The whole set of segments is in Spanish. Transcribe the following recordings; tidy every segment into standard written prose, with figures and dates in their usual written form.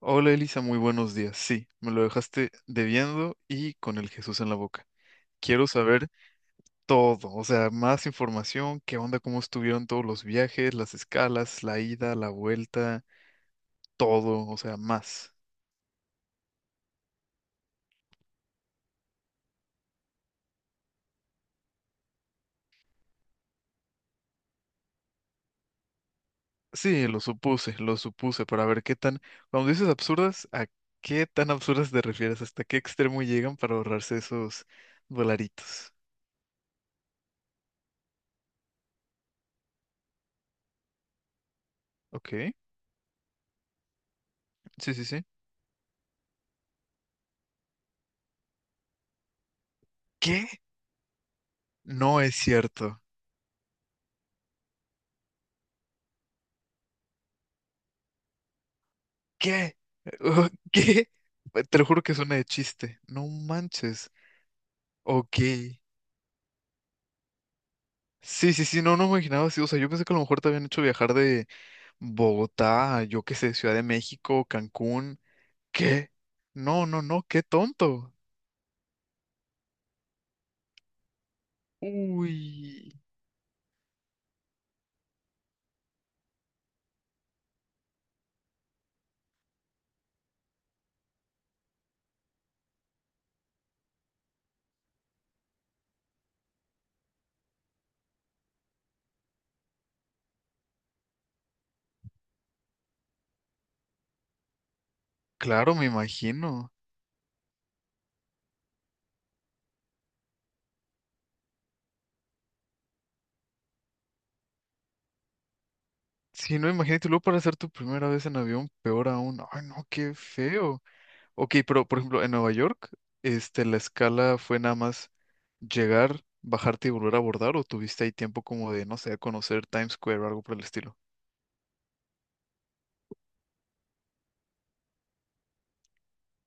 Hola Elisa, muy buenos días. Sí, me lo dejaste debiendo y con el Jesús en la boca. Quiero saber todo, o sea, más información, qué onda, cómo estuvieron todos los viajes, las escalas, la ida, la vuelta, todo, o sea, más. Sí, lo supuse, para ver qué tan, cuando dices absurdas, ¿a qué tan absurdas te refieres? ¿Hasta qué extremo llegan para ahorrarse esos dolaritos? Ok, sí, sí, sí. ¿Qué? No es cierto. ¿Qué? ¿Qué? Te lo juro que suena de chiste. No manches. Ok. Sí, sí, sí, no, no me imaginaba así. O sea, yo pensé que a lo mejor te habían hecho viajar de Bogotá, a, yo qué sé, Ciudad de México, Cancún. ¿Qué? No, no, no, qué tonto. Uy. Claro, me imagino. Sí, no, imagínate, y luego para hacer tu primera vez en avión, peor aún. Ay, no, qué feo. Ok, pero por ejemplo, en Nueva York, este, la escala fue nada más llegar, bajarte y volver a abordar, o tuviste ahí tiempo como de, no sé, conocer Times Square o algo por el estilo.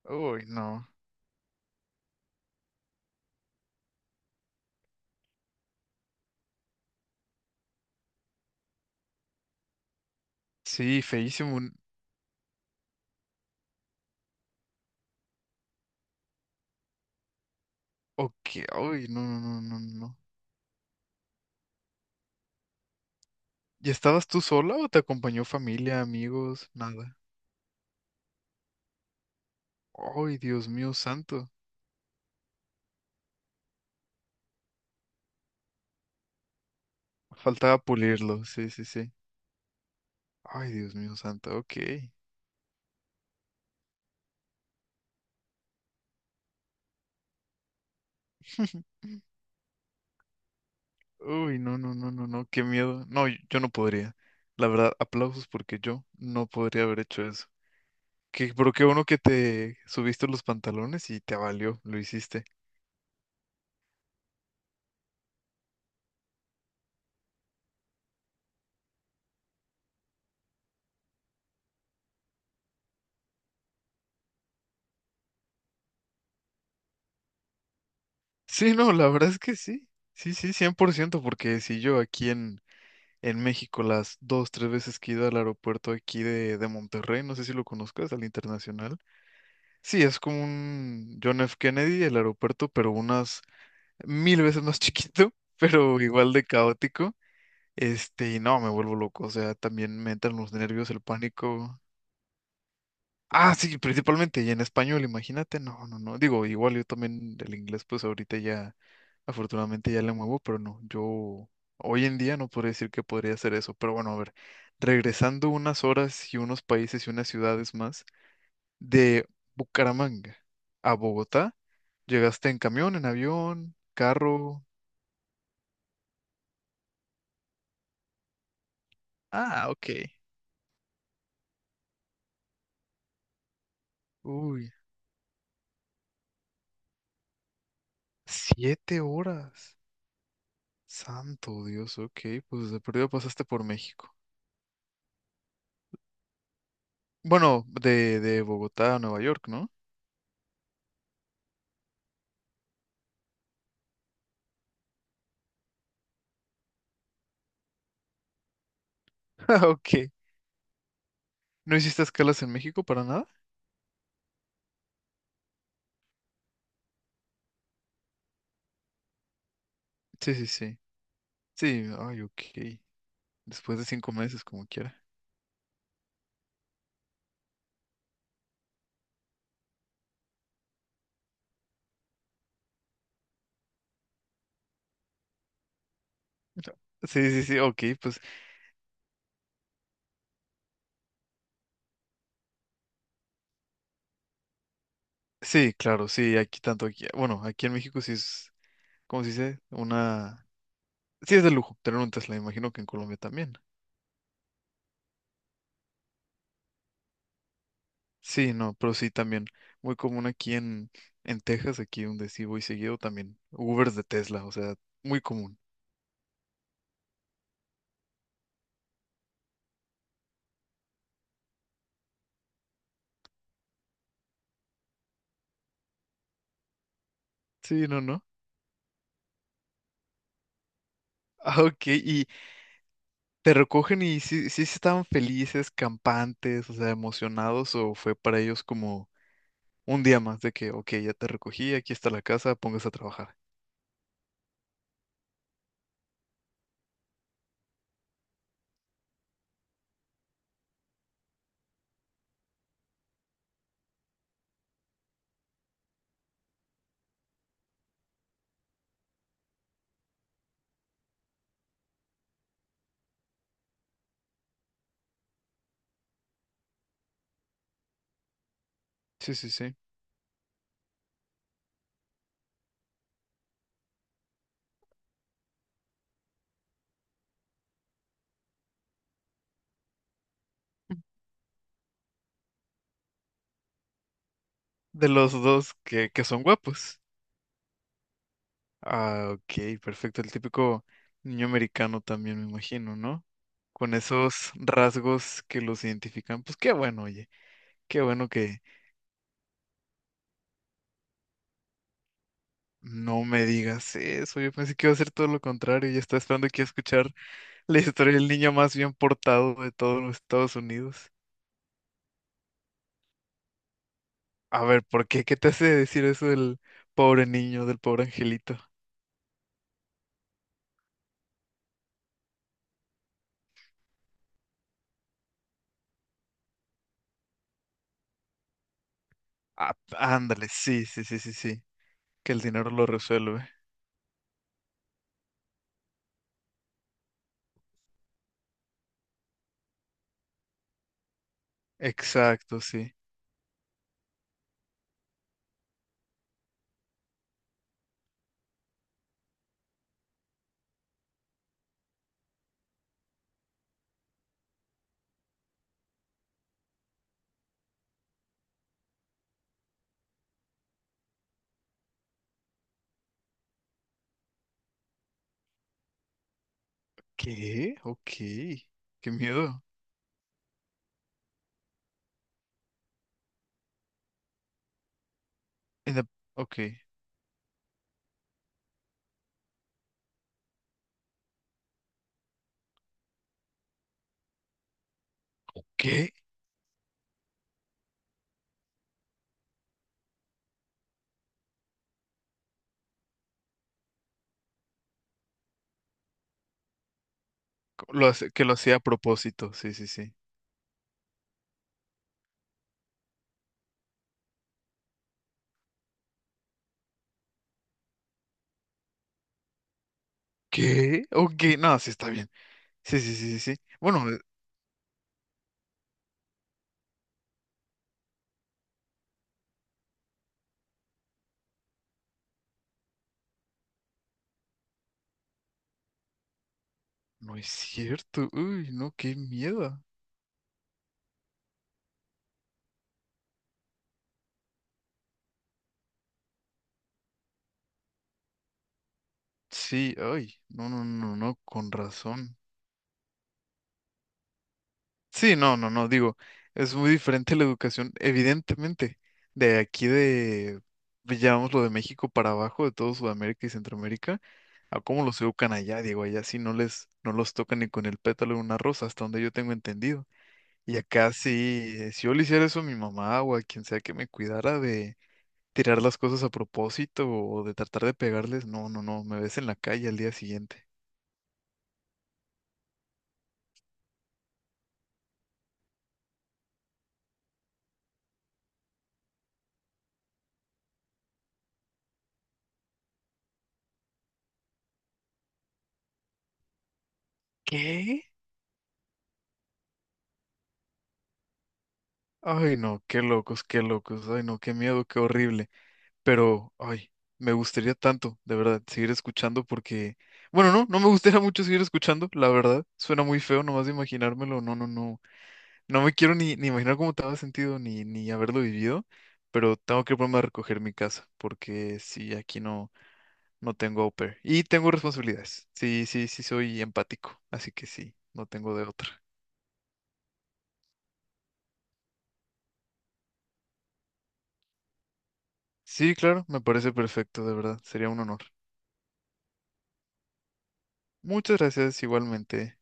Uy, no. Sí, feísimo. Ok, uy, no, no, no, no, no. ¿Y estabas tú sola o te acompañó familia, amigos? Nada. Ay, Dios mío santo. Faltaba pulirlo, sí, sí, sí. Ay, Dios mío santo, ok. Uy, no, no, no, no, no, qué miedo. No, yo no podría. La verdad, aplausos porque yo no podría haber hecho eso. Pero qué bueno que te subiste los pantalones y te valió, lo hiciste. Sí, no, la verdad es que sí. Sí, sí, 100% porque si yo aquí en, México las dos, tres veces que he ido al aeropuerto aquí de Monterrey, no sé si lo conozcas, al internacional. Sí, es como un John F. Kennedy, el aeropuerto, pero unas mil veces más chiquito, pero igual de caótico. Este, y no, me vuelvo loco. O sea, también me entran los nervios, el pánico. Ah, sí, principalmente, y en español, imagínate, no, no, no. Digo, igual yo también el inglés, pues ahorita ya, afortunadamente ya le muevo, pero no, yo hoy en día no podría decir que podría hacer eso. Pero bueno, a ver, regresando unas horas y unos países y unas ciudades más, de Bucaramanga a Bogotá, llegaste en camión, en avión, carro. Ah, ok. Uy, 7 horas. Santo Dios, ok, pues de perdido pasaste por México. Bueno, de, Bogotá a Nueva York, ¿no? Ah, ok. ¿No hiciste escalas en México para nada? Sí, sí, sí. Sí, ay, ok. Después de 5 meses, como quiera. No. Sí, sí, sí, ok, pues sí, claro, sí, aquí tanto aquí. Bueno, aquí en México sí es, ¿cómo se dice? Una... Sí es de lujo tener un Tesla, imagino que en Colombia también. Sí, no, pero sí también. Muy común aquí en Texas, aquí donde sí voy seguido también. Ubers de Tesla, o sea, muy común. Sí, no, no. Ah, ok, y te recogen y sí, sí estaban felices, campantes, o sea, emocionados, o fue para ellos como un día más de que, ok, ya te recogí, aquí está la casa, póngase a trabajar. Sí, sí, sí. De los dos que son guapos. Ah, ok, perfecto. El típico niño americano también, me imagino, ¿no? Con esos rasgos que los identifican. Pues qué bueno, oye, qué bueno que no me digas eso. Yo pensé que iba a ser todo lo contrario y estaba esperando aquí a escuchar la historia del niño más bien portado de todos los Estados Unidos. A ver, ¿por qué? ¿Qué te hace decir eso del pobre niño, del pobre angelito? Ah, ándale, sí, sí, sí, sí, sí. Que el dinero lo resuelve. Exacto, sí. ¿Qué? Ok. Qué miedo. En la- Ok. ¿Qué? Que lo hacía a propósito. Sí, sí, sí. ¿Qué? Ok. No, sí está bien. Sí, sí, sí, sí, sí. Bueno, no es cierto. Uy, no, qué miedo. Sí, ay. No, no, no, no, con razón. Sí, no, no, no, digo, es muy diferente la educación, evidentemente, de aquí de, llamémoslo de México para abajo, de todo Sudamérica y Centroamérica, a cómo los educan allá, digo, allá sí no los tocan ni con el pétalo de una rosa, hasta donde yo tengo entendido. Y acá sí, si yo le hiciera eso a mi mamá o a quien sea que me cuidara de tirar las cosas a propósito o de tratar de pegarles, no, no, no, me ves en la calle al día siguiente. ¿Qué? Ay, no, qué locos, ay, no, qué miedo, qué horrible. Pero, ay, me gustaría tanto, de verdad, seguir escuchando porque, bueno, no, no me gustaría mucho seguir escuchando, la verdad, suena muy feo nomás de imaginármelo, no, no, no, no me quiero ni imaginar cómo te había sentido ni haberlo vivido, pero tengo que ponerme a recoger mi casa porque sí, aquí no, no tengo au pair y tengo responsabilidades, sí, sí, sí soy empático, así que sí, no tengo de otra. Sí, claro, me parece perfecto, de verdad, sería un honor. Muchas gracias igualmente.